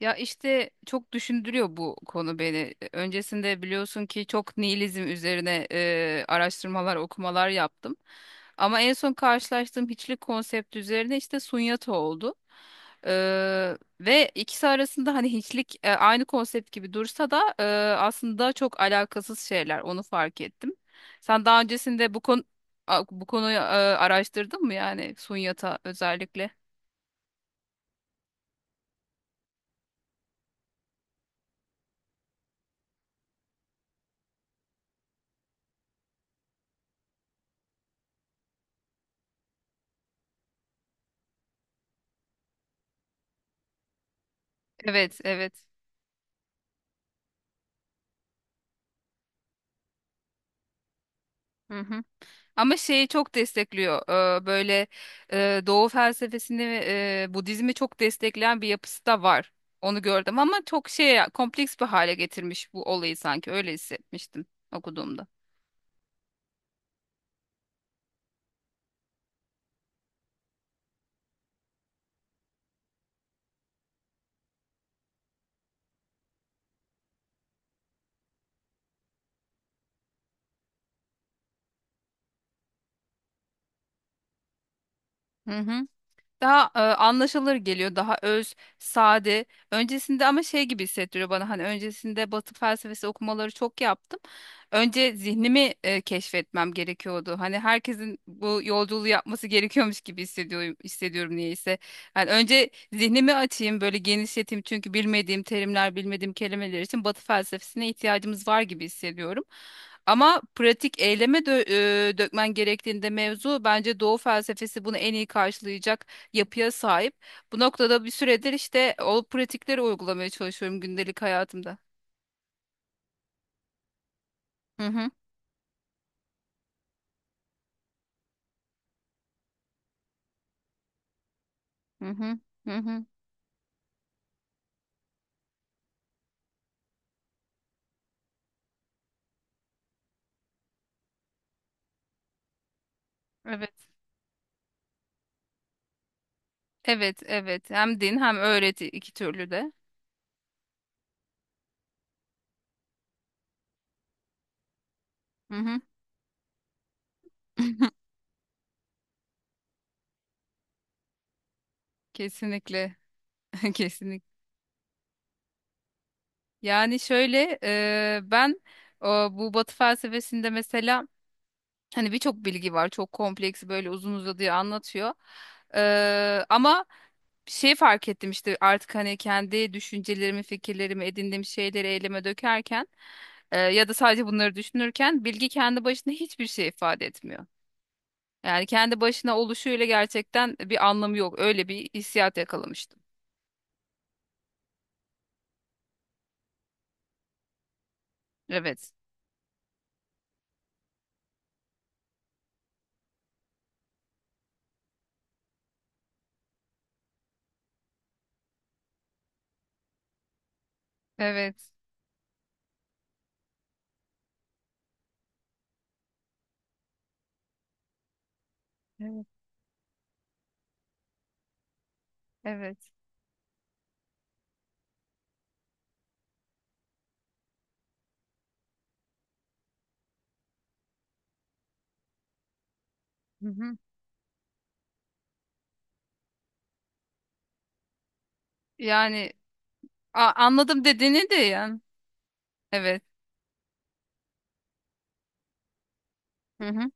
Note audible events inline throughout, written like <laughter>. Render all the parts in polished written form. Ya işte çok düşündürüyor bu konu beni. Öncesinde biliyorsun ki çok nihilizm üzerine araştırmalar, okumalar yaptım. Ama en son karşılaştığım hiçlik konsepti üzerine işte Sunyata oldu. E, ve ikisi arasında hani hiçlik aynı konsept gibi dursa da aslında çok alakasız şeyler. Onu fark ettim. Sen daha öncesinde bu konu bu konuyu araştırdın mı yani Sunyata özellikle? Evet, evet. Hı hı. Ama şeyi çok destekliyor. Böyle Doğu felsefesini, Budizmi çok destekleyen bir yapısı da var. Onu gördüm ama çok şey kompleks bir hale getirmiş bu olayı sanki öyle hissetmiştim okuduğumda. Hı hı. Daha anlaşılır geliyor, daha öz, sade. Öncesinde ama şey gibi hissettiriyor bana hani öncesinde Batı felsefesi okumaları çok yaptım. Önce zihnimi keşfetmem gerekiyordu. Hani herkesin bu yolculuğu yapması gerekiyormuş gibi hissediyorum niyeyse. Hani önce zihnimi açayım, böyle genişleteyim çünkü bilmediğim terimler, bilmediğim kelimeler için Batı felsefesine ihtiyacımız var gibi hissediyorum. Ama pratik eyleme dökmen gerektiğinde mevzu bence Doğu felsefesi bunu en iyi karşılayacak yapıya sahip. Bu noktada bir süredir işte o pratikleri uygulamaya çalışıyorum gündelik hayatımda. Hı hı, hı hı, hı hı. Evet. Evet, evet. Hem din hem öğreti iki türlü de. Hı hı. <laughs> Kesinlikle. <laughs> Kesinlikle. Yani şöyle ben bu Batı felsefesinde mesela hani birçok bilgi var. Çok kompleks böyle uzun uzadıya anlatıyor. Ama bir şey fark ettim işte artık hani kendi düşüncelerimi, fikirlerimi, edindiğim şeyleri eyleme dökerken ya da sadece bunları düşünürken bilgi kendi başına hiçbir şey ifade etmiyor. Yani kendi başına oluşuyla gerçekten bir anlamı yok. Öyle bir hissiyat yakalamıştım. Evet. Evet. Evet, evet. Hı hı. Yani anladım dediğini de yani. Evet. Hı hı.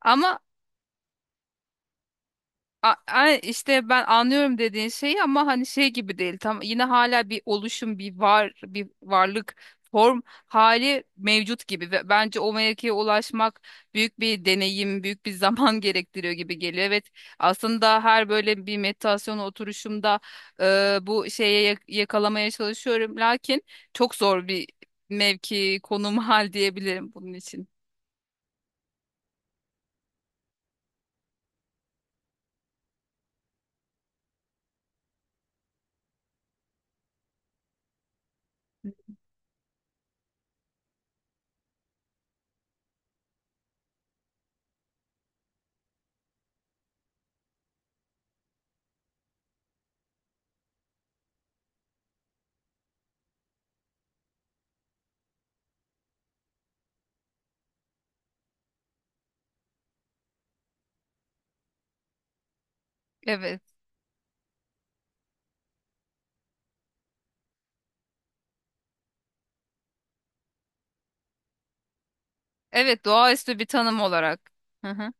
Ama işte ben anlıyorum dediğin şeyi ama hani şey gibi değil. Tam yine hala bir oluşum, bir var, bir varlık form hali mevcut gibi ve bence o mevkiye ulaşmak büyük bir deneyim, büyük bir zaman <laughs> gerektiriyor gibi geliyor. Evet, aslında her böyle bir meditasyon oturuşumda bu şeye yakalamaya çalışıyorum. Lakin çok zor bir mevki, konum, hal diyebilirim bunun için. Evet. Evet, doğaüstü bir tanım olarak. Hı hı.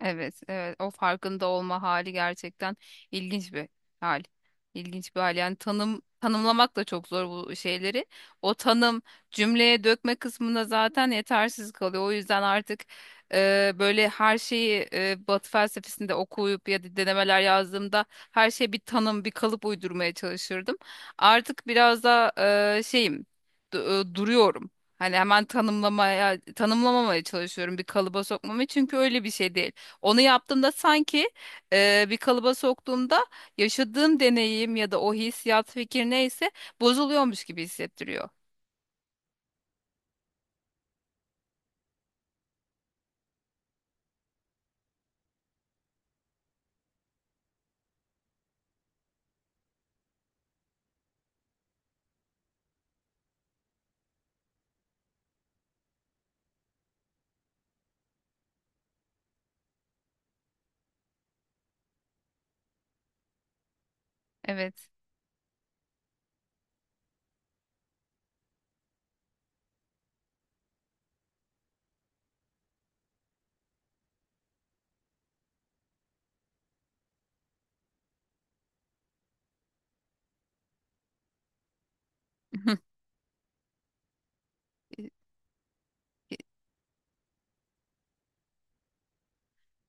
Evet, evet. O farkında olma hali gerçekten ilginç bir hal. İlginç bir hal. Yani tanımlamak da çok zor bu şeyleri. O tanım cümleye dökme kısmında zaten yetersiz kalıyor. O yüzden artık böyle her şeyi Batı felsefesinde okuyup ya da denemeler yazdığımda her şeye bir tanım, bir kalıp uydurmaya çalışırdım. Artık biraz da şeyim, duruyorum. Hani hemen tanımlamaya, tanımlamamaya çalışıyorum bir kalıba sokmamı çünkü öyle bir şey değil. Onu yaptığımda sanki bir kalıba soktuğumda yaşadığım deneyim ya da o hissiyat fikir neyse bozuluyormuş gibi hissettiriyor. Evet. <laughs>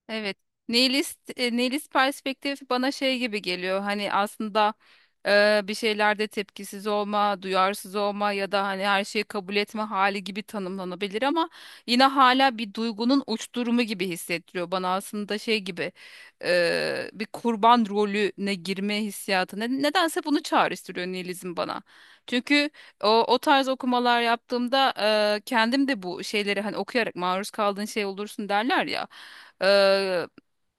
Evet. Nihilist perspektif bana şey gibi geliyor. Hani aslında bir şeylerde tepkisiz olma, duyarsız olma ya da hani her şeyi kabul etme hali gibi tanımlanabilir ama yine hala bir duygunun uç durumu gibi hissettiriyor bana aslında şey gibi bir kurban rolüne girme hissiyatı. Nedense bunu çağrıştırıyor nihilizm bana. Çünkü o tarz okumalar yaptığımda kendim de bu şeyleri hani okuyarak maruz kaldığın şey olursun derler ya. E,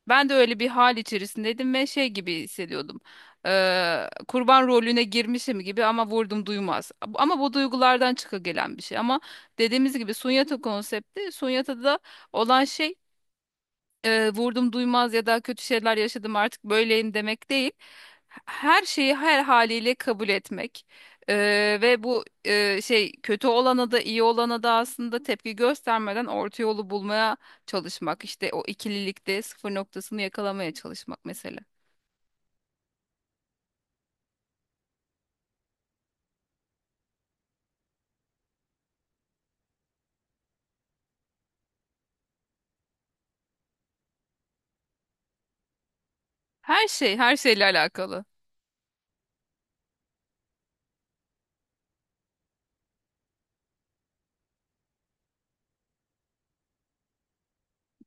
ben de öyle bir hal içerisindeydim ve şey gibi hissediyordum. Kurban rolüne girmişim gibi ama vurdum duymaz. Ama bu duygulardan çıka gelen bir şey. Ama dediğimiz gibi sunyata konsepti, sunyata da olan şey vurdum duymaz ya da kötü şeyler yaşadım artık böyleyim demek değil. Her şeyi her haliyle kabul etmek. E, ve bu şey kötü olana da iyi olana da aslında tepki göstermeden orta yolu bulmaya çalışmak. İşte o ikililikte sıfır noktasını yakalamaya çalışmak mesela. Her şey her şeyle alakalı.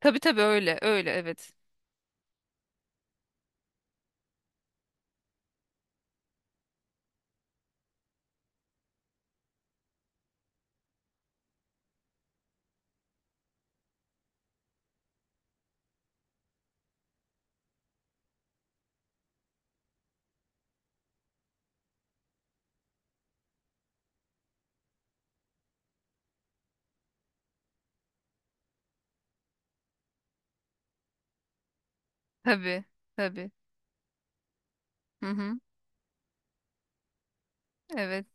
Tabii tabii öyle öyle evet. Tabii tabii. Hı hı, evet.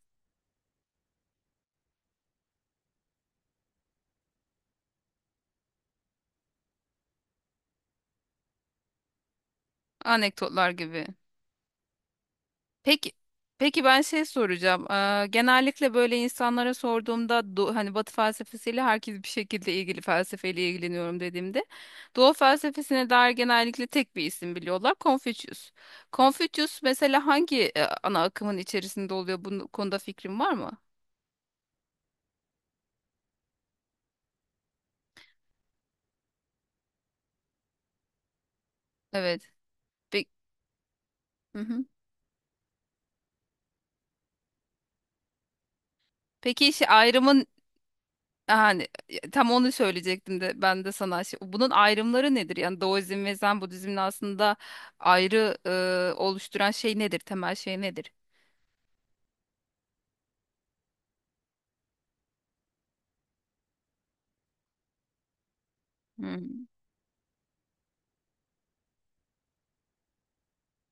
Anekdotlar gibi. Peki, peki ben şey soracağım. Genellikle böyle insanlara sorduğumda hani Batı felsefesiyle herkes bir şekilde ilgili felsefeyle ilgileniyorum dediğimde Doğu felsefesine dair genellikle tek bir isim biliyorlar. Confucius. Confucius mesela hangi ana akımın içerisinde oluyor? Bu konuda fikrin var mı? Evet. Pe- Hı hı. Peki işte ayrımın. Yani tam onu söyleyecektim de ben de sana bunun ayrımları nedir? Yani Daoizm ve Zen Budizm'in aslında ayrı oluşturan şey nedir? Temel şey nedir? Hmm.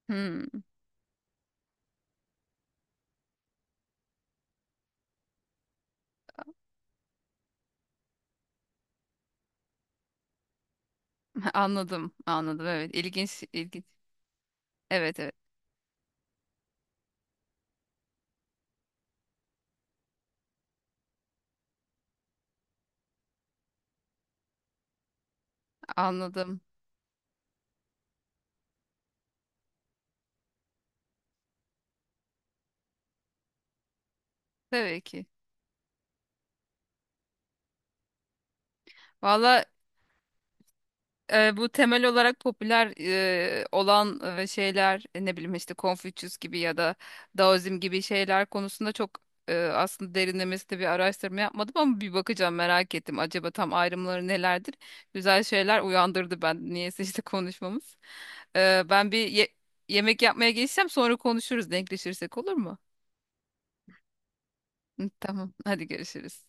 Hmm. <laughs> Anladım, anladım. Evet, ilginç, ilginç. Evet, evet, anladım. Tabii ki. Valla bu temel olarak popüler olan şeyler ne bileyim işte Confucius gibi ya da Daoizm gibi şeyler konusunda çok aslında derinlemesine bir araştırma yapmadım ama bir bakacağım merak ettim. Acaba tam ayrımları nelerdir? Güzel şeyler uyandırdı ben niyeyse işte konuşmamız. Ben yemek yapmaya geçsem sonra konuşuruz denkleşirsek olur mu? Hı, Tamam hadi görüşürüz.